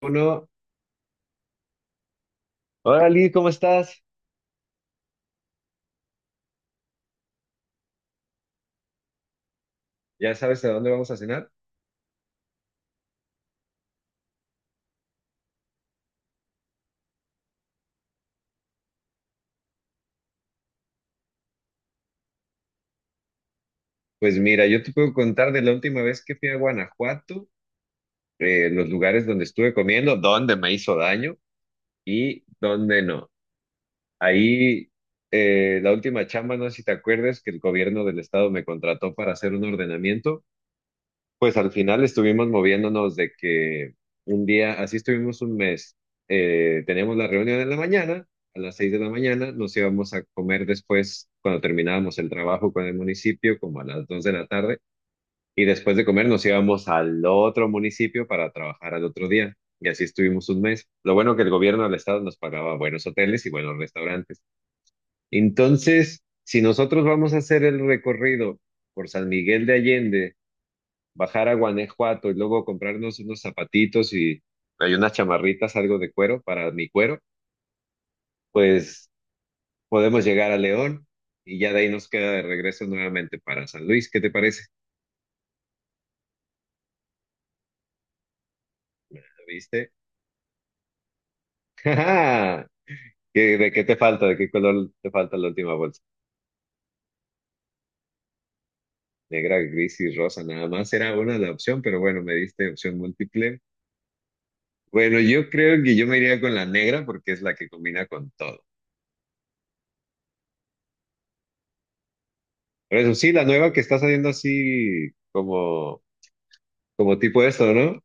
Uno, hola Lee, ¿cómo estás? ¿Ya sabes a dónde vamos a cenar? Pues mira, yo te puedo contar de la última vez que fui a Guanajuato, los lugares donde estuve comiendo, donde me hizo daño y donde no. Ahí, la última chamba, no sé si te acuerdas, que el gobierno del estado me contrató para hacer un ordenamiento. Pues al final estuvimos moviéndonos de que un día, así estuvimos un mes, teníamos la reunión en la mañana, a las 6 de la mañana, nos íbamos a comer después, cuando terminábamos el trabajo con el municipio, como a las 2 de la tarde, y después de comer nos íbamos al otro municipio para trabajar al otro día, y así estuvimos un mes. Lo bueno que el gobierno del estado nos pagaba buenos hoteles y buenos restaurantes. Entonces, si nosotros vamos a hacer el recorrido por San Miguel de Allende, bajar a Guanajuato y luego comprarnos unos zapatitos y hay unas chamarritas, algo de cuero para mi cuero, pues podemos llegar a León y ya de ahí nos queda de regreso nuevamente para San Luis. ¿Qué te parece? ¿Viste? ¡Ja! ¿Qué, de qué te falta? ¿De qué color te falta la última bolsa? Negra, gris y rosa, nada más era una la opción, pero bueno, me diste opción múltiple. Bueno, yo creo que yo me iría con la negra porque es la que combina con todo. Pero eso sí, la nueva que está saliendo así como, como tipo esto, ¿no?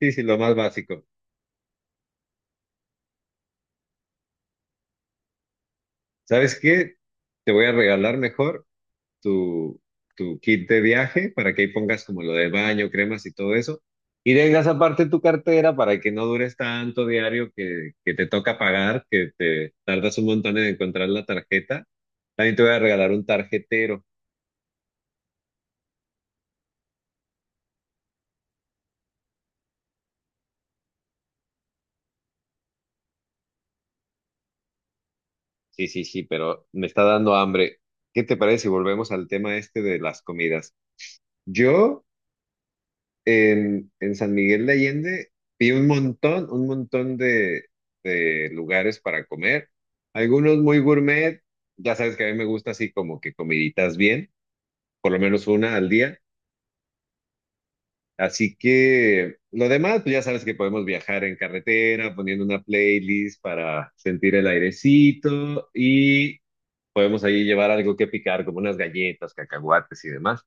Sí, sí, lo más básico. ¿Sabes qué? Te voy a regalar mejor tu, tu kit de viaje para que ahí pongas como lo de baño, cremas y todo eso. Y tengas aparte tu cartera para que no dures tanto diario que te toca pagar, que te tardas un montón en encontrar la tarjeta. También te voy a regalar un tarjetero. Sí, sí, sí, pero me está dando hambre. ¿Qué te parece si volvemos al tema este de las comidas? Yo... en San Miguel de Allende vi un montón de lugares para comer. Algunos muy gourmet, ya sabes que a mí me gusta así como que comiditas bien, por lo menos una al día. Así que lo demás, pues ya sabes que podemos viajar en carretera, poniendo una playlist para sentir el airecito y podemos ahí llevar algo que picar, como unas galletas, cacahuates y demás.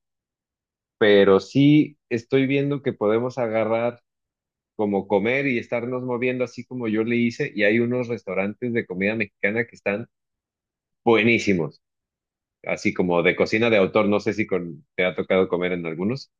Pero sí estoy viendo que podemos agarrar como comer y estarnos moviendo así como yo le hice. Y hay unos restaurantes de comida mexicana que están buenísimos, así como de cocina de autor. No sé si con, te ha tocado comer en algunos.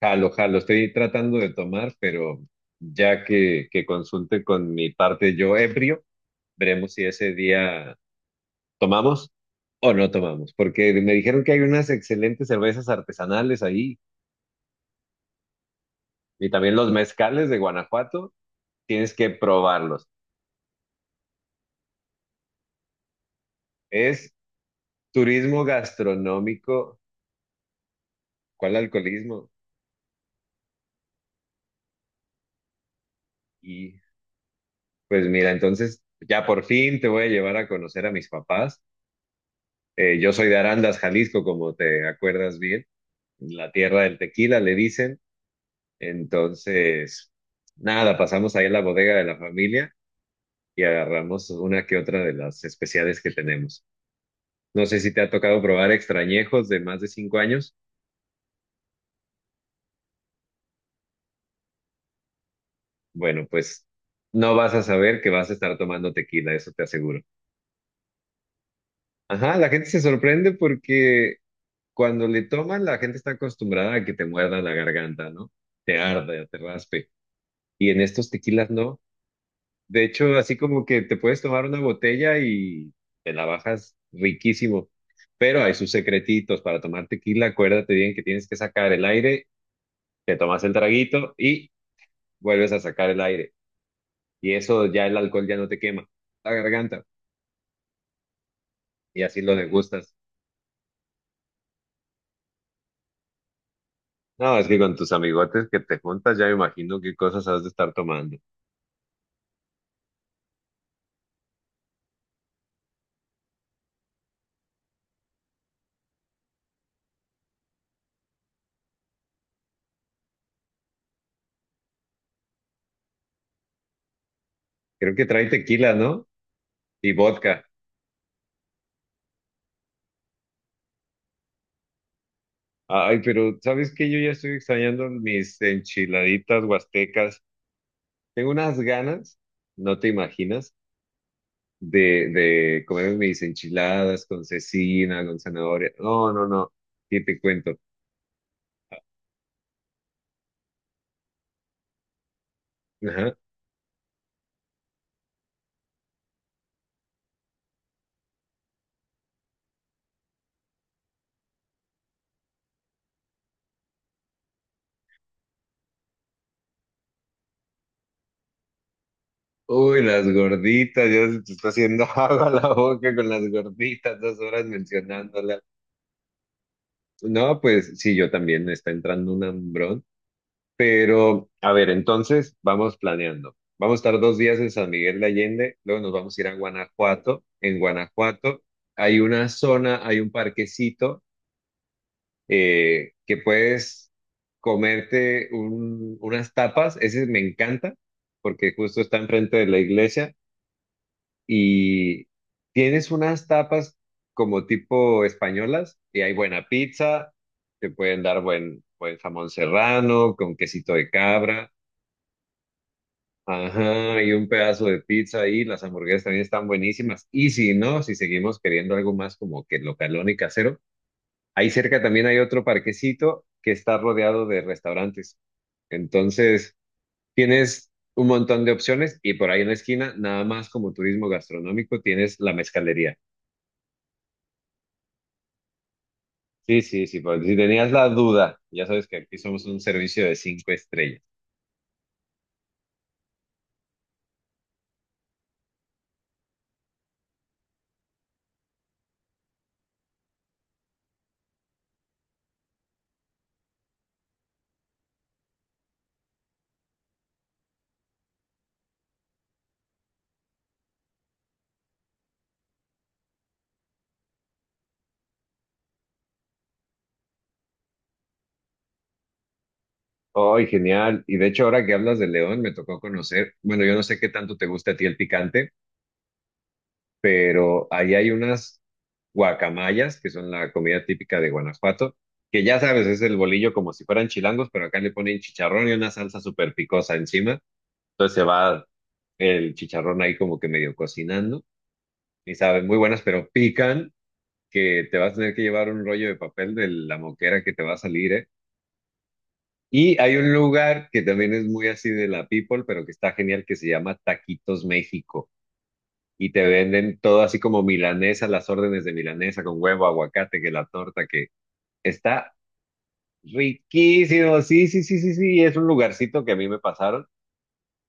Jalo, jalo, estoy tratando de tomar, pero ya que consulte con mi parte yo ebrio, veremos si ese día tomamos o no tomamos, porque me dijeron que hay unas excelentes cervezas artesanales ahí y también los mezcales de Guanajuato, tienes que probarlos. Es turismo gastronómico, ¿cuál alcoholismo? Y pues mira, entonces ya por fin te voy a llevar a conocer a mis papás. Yo soy de Arandas, Jalisco, como te acuerdas bien, la tierra del tequila, le dicen. Entonces, nada, pasamos ahí a la bodega de la familia y agarramos una que otra de las especiales que tenemos. No sé si te ha tocado probar extrañejos de más de 5 años. Bueno, pues no vas a saber que vas a estar tomando tequila, eso te aseguro. Ajá, la gente se sorprende porque cuando le toman, la gente está acostumbrada a que te muerda la garganta, ¿no? Te arde, te raspe. Y en estos tequilas no. De hecho, así como que te puedes tomar una botella y te la bajas riquísimo. Pero hay sus secretitos para tomar tequila. Acuérdate bien que tienes que sacar el aire, te tomas el traguito y vuelves a sacar el aire. Y eso ya el alcohol ya no te quema la garganta. Y así lo degustas. No, es que con tus amigotes que te juntas, ya me imagino qué cosas has de estar tomando. Creo que trae tequila, ¿no? Y vodka. Ay, pero ¿sabes qué? Yo ya estoy extrañando mis enchiladitas huastecas. Tengo unas ganas, no te imaginas, de comer mis enchiladas con cecina, con zanahoria. No, no, no. ¿Qué te cuento? Ajá. Uy, las gorditas, ya se te está haciendo agua la boca con las gorditas, 2 horas mencionándolas. No, pues sí, yo también me está entrando un hambrón. Pero, a ver, entonces vamos planeando. Vamos a estar 2 días en San Miguel de Allende, luego nos vamos a ir a Guanajuato. En Guanajuato hay una zona, hay un parquecito que puedes comerte unas tapas. Ese me encanta porque justo está enfrente de la iglesia y tienes unas tapas como tipo españolas y hay buena pizza, te pueden dar buen, buen jamón serrano con quesito de cabra. Ajá, y un pedazo de pizza ahí, las hamburguesas también están buenísimas. Y si no, si seguimos queriendo algo más como que localón y casero, ahí cerca también hay otro parquecito que está rodeado de restaurantes. Entonces, tienes un montón de opciones y por ahí en la esquina, nada más como turismo gastronómico, tienes la mezcalería. Sí, sí, sí, por si tenías la duda, ya sabes que aquí somos un servicio de 5 estrellas. ¡Ay, genial! Y de hecho, ahora que hablas de León, me tocó conocer, bueno, yo no sé qué tanto te gusta a ti el picante, pero ahí hay unas guacamayas, que son la comida típica de Guanajuato, que ya sabes, es el bolillo como si fueran chilangos, pero acá le ponen chicharrón y una salsa súper picosa encima. Entonces se va el chicharrón ahí como que medio cocinando y saben muy buenas, pero pican, que te vas a tener que llevar un rollo de papel de la moquera que te va a salir, ¿eh? Y hay un lugar que también es muy así de la people, pero que está genial, que se llama Taquitos México. Y te venden todo así como milanesa, las órdenes de milanesa con huevo, aguacate, que la torta, que está riquísimo. Sí, sí, sí, sí, sí, es un lugarcito que a mí me pasaron,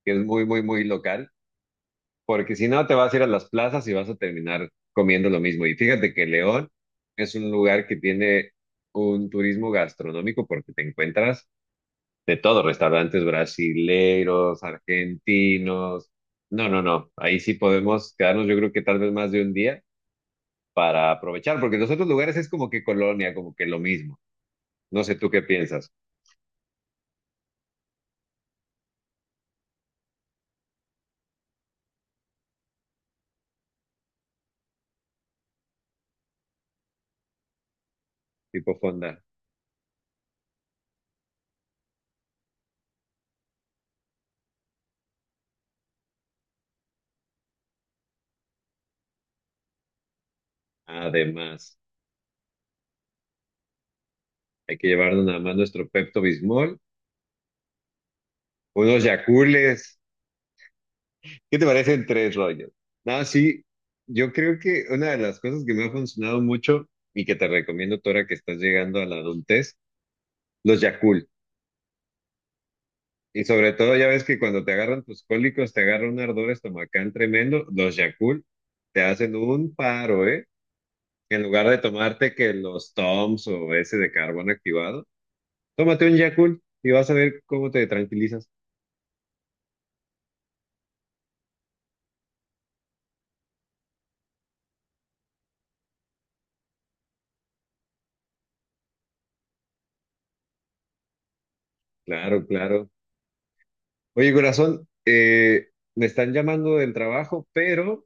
que es muy, muy, muy local, porque si no te vas a ir a las plazas y vas a terminar comiendo lo mismo. Y fíjate que León es un lugar que tiene un turismo gastronómico porque te encuentras de todo, restaurantes brasileros, argentinos. No, no, no. Ahí sí podemos quedarnos, yo creo que tal vez más de un día para aprovechar, porque los otros lugares es como que colonia, como que lo mismo. No sé tú qué piensas, tipo fonda. Además, hay que llevarnos nada más nuestro Pepto Bismol, unos Yacules. ¿Qué te parecen tres rollos? No, sí, yo creo que una de las cosas que me ha funcionado mucho y que te recomiendo, Tora, que estás llegando a la adultez, los Yakul. Y sobre todo, ya ves que cuando te agarran tus cólicos, te agarra un ardor estomacal tremendo, los Yakul te hacen un paro, ¿eh? En lugar de tomarte que los Toms o ese de carbón activado, tómate un Yakult y vas a ver cómo te tranquilizas. Claro, claro. Oye, corazón, me están llamando del trabajo, pero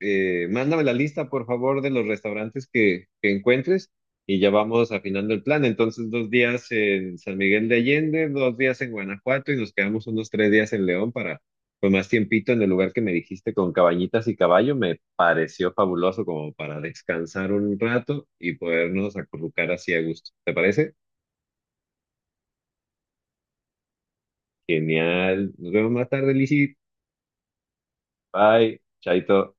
mándame la lista, por favor, de los restaurantes que encuentres y ya vamos afinando el plan. Entonces, 2 días en San Miguel de Allende, 2 días en Guanajuato y nos quedamos unos 3 días en León para, pues, más tiempito en el lugar que me dijiste con cabañitas y caballo. Me pareció fabuloso como para descansar un rato y podernos acurrucar así a gusto. ¿Te parece? Genial. Nos vemos más tarde, Lizzy. Bye. Chaito.